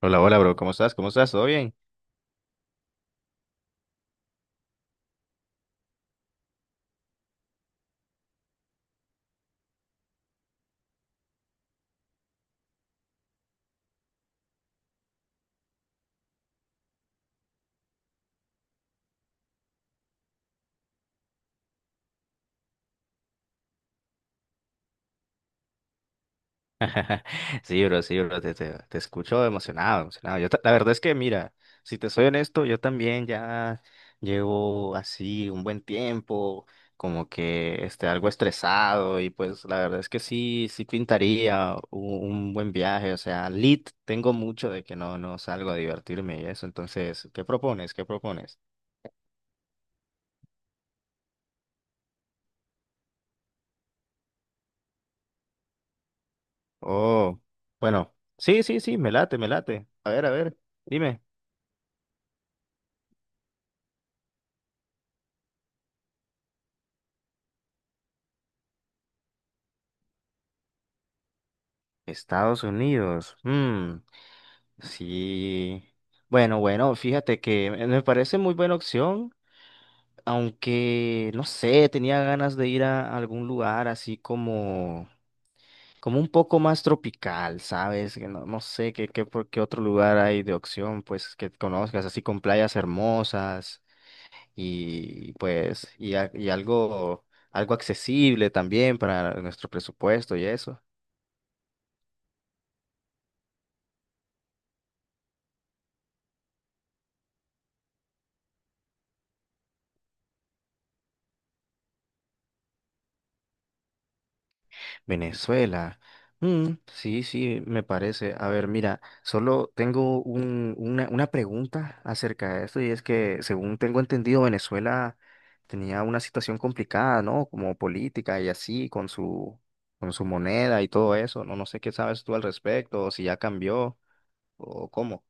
Hola, hola, bro, ¿cómo estás? ¿Cómo estás? ¿Todo bien? Sí, bro, te escucho emocionado, emocionado. La verdad es que, mira, si te soy honesto, yo también ya llevo así un buen tiempo, como que algo estresado, y pues la verdad es que sí, sí pintaría un buen viaje, o sea, lit, tengo mucho de que no salgo a divertirme y eso, entonces, ¿qué propones? ¿Qué propones? Oh, bueno, sí, sí, sí, me late, me late. A ver, dime. Estados Unidos. Mm. Sí. Bueno, bueno, fíjate que me parece muy buena opción, aunque no sé, tenía ganas de ir a algún lugar así como un poco más tropical, ¿sabes? Que no sé qué, por qué otro lugar hay de opción, pues, que conozcas, así con playas hermosas y pues, y algo accesible también para nuestro presupuesto y eso. Venezuela. Mm, sí, sí, me parece. A ver, mira, solo tengo una pregunta acerca de esto y es que, según tengo entendido, Venezuela tenía una situación complicada, ¿no? Como política y así, con su moneda y todo eso. No sé qué sabes tú al respecto, o si ya cambió o cómo.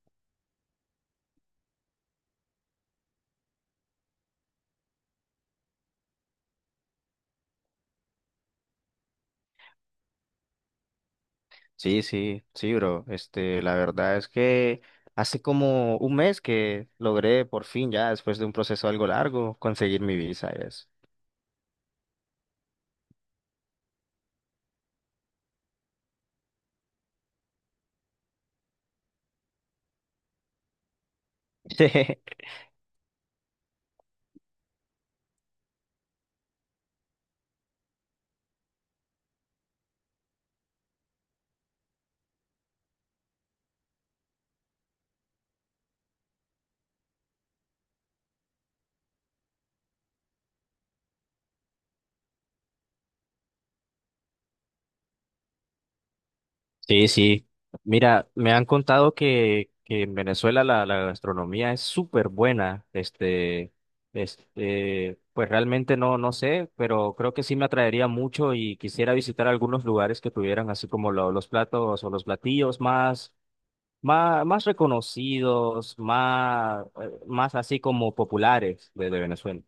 Sí, sí, sí, bro. Este, la verdad es que hace como un mes que logré por fin, ya después de un proceso algo largo, conseguir mi visa y eso. Sí, sí. Mira, me han contado que en Venezuela la gastronomía es súper buena. Pues realmente no sé, pero creo que sí me atraería mucho y quisiera visitar algunos lugares que tuvieran así como los platos o los platillos más reconocidos, más así como populares de Venezuela.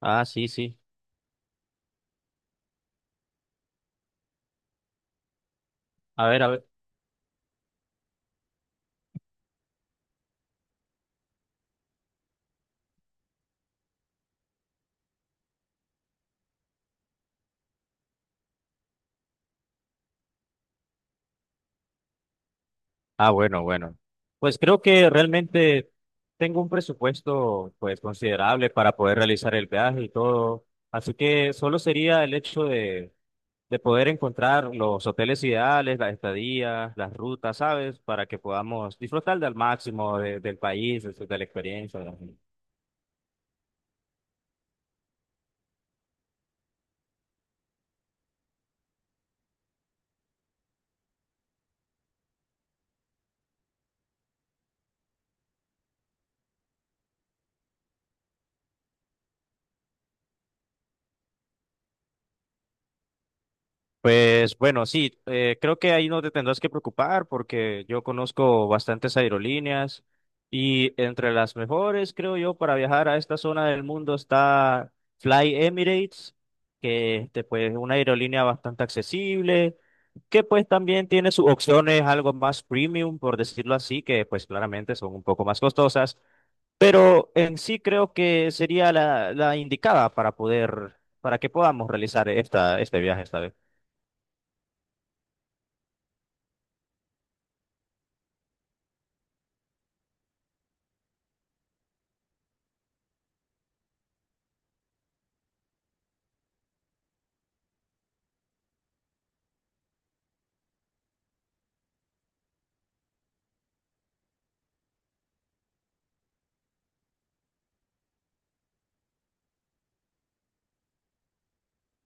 Ah, sí, sí. A ver, a ver. Ah, bueno, bueno. Pues creo que realmente tengo un presupuesto pues considerable para poder realizar el viaje y todo. Así que solo sería el hecho de poder encontrar los hoteles ideales, las estadías, las rutas, ¿sabes? Para que podamos disfrutar del máximo del país, de la experiencia, ¿no? Pues bueno, sí, creo que ahí no te tendrás que preocupar porque yo conozco bastantes aerolíneas y entre las mejores, creo yo, para viajar a esta zona del mundo está Fly Emirates, que pues, es una aerolínea bastante accesible, que pues también tiene sus opciones algo más premium, por decirlo así, que pues claramente son un poco más costosas, pero en sí creo que sería la indicada para que podamos realizar este viaje esta vez.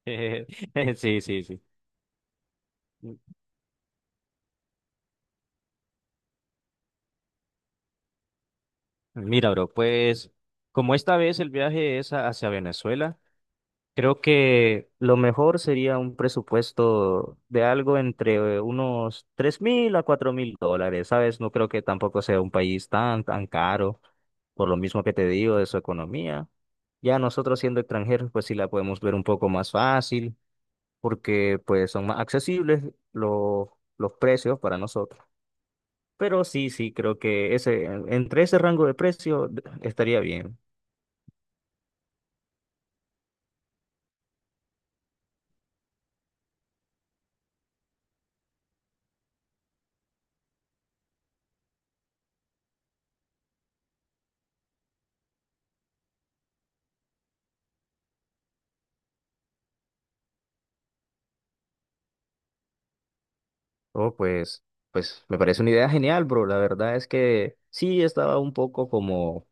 Sí, sí, sí. Mira, bro, pues como esta vez el viaje es hacia Venezuela, creo que lo mejor sería un presupuesto de algo entre unos $3.000 a $4.000, ¿sabes? No creo que tampoco sea un país tan, tan caro, por lo mismo que te digo de su economía. Ya nosotros siendo extranjeros, pues sí la podemos ver un poco más fácil, porque pues son más accesibles los, los precios para nosotros. Pero sí, sí, creo que ese, entre ese rango de precio estaría bien. Oh, pues me parece una idea genial, bro. La verdad es que sí estaba un poco como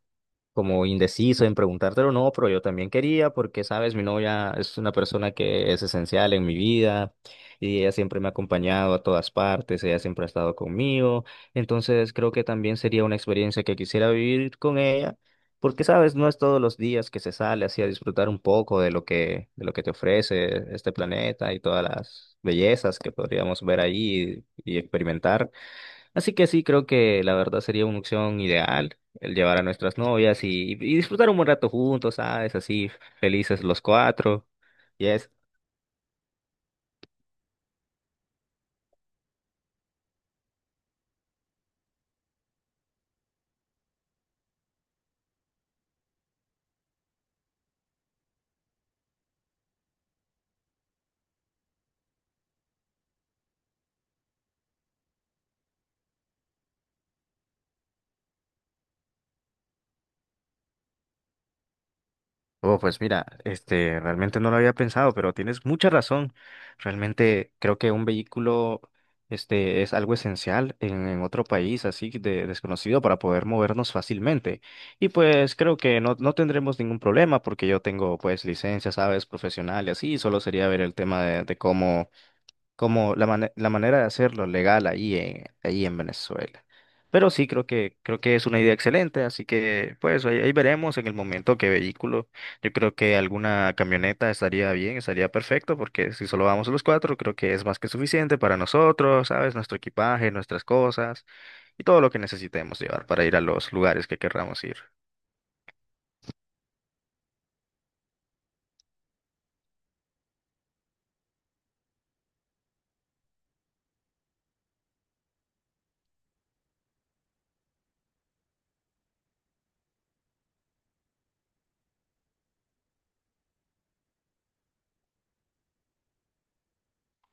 como indeciso en preguntártelo o no, pero yo también quería porque, sabes, mi novia es una persona que es esencial en mi vida y ella siempre me ha acompañado a todas partes, ella siempre ha estado conmigo, entonces creo que también sería una experiencia que quisiera vivir con ella. Porque, sabes, no es todos los días que se sale así a disfrutar un poco de lo que te ofrece este planeta y todas las bellezas que podríamos ver ahí y experimentar. Así que sí, creo que la verdad sería una opción ideal el llevar a nuestras novias y disfrutar un buen rato juntos, ¿sabes? Así felices los cuatro. Yes. Oh, pues mira, realmente no lo había pensado, pero tienes mucha razón. Realmente creo que un vehículo, es algo esencial en otro país así de desconocido para poder movernos fácilmente. Y pues creo que no tendremos ningún problema porque yo tengo pues licencia, sabes, profesional y así, solo sería ver el tema de cómo como la manera de hacerlo legal ahí en Venezuela. Pero sí, creo que es una idea excelente, así que pues ahí veremos en el momento qué vehículo. Yo creo que alguna camioneta estaría bien, estaría perfecto, porque si solo vamos los cuatro, creo que es más que suficiente para nosotros, ¿sabes? Nuestro equipaje, nuestras cosas y todo lo que necesitemos llevar para ir a los lugares que querramos ir.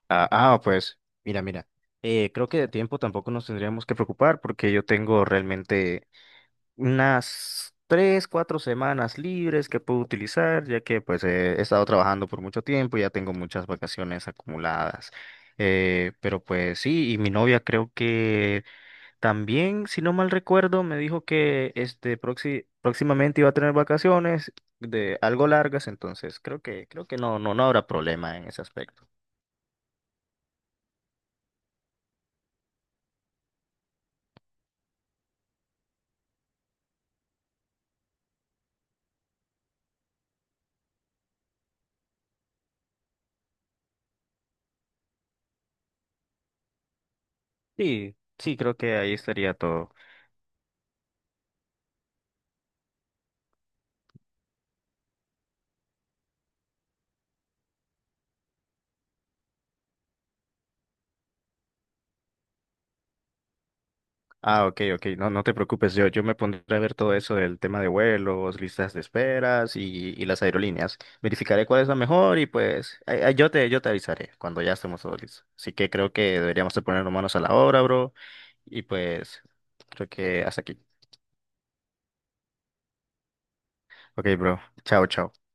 Ah, ah, pues, mira, mira. Creo que de tiempo tampoco nos tendríamos que preocupar porque yo tengo realmente unas 3, 4 semanas libres que puedo utilizar, ya que pues he estado trabajando por mucho tiempo, ya tengo muchas vacaciones acumuladas. Pero pues sí, y mi novia creo que también, si no mal recuerdo, me dijo que próximamente iba a tener vacaciones de algo largas, entonces creo que no habrá problema en ese aspecto. Sí, sí, creo que ahí estaría todo. Ah, ok, ok, no, no te preocupes, yo me pondré a ver todo eso del tema de vuelos, listas de esperas y las aerolíneas. Verificaré cuál es la mejor y pues ay, ay, yo te avisaré cuando ya estemos todos listos. Así que creo que deberíamos de ponernos manos a la obra, bro. Y pues creo que hasta aquí. Ok, bro, chao, chao.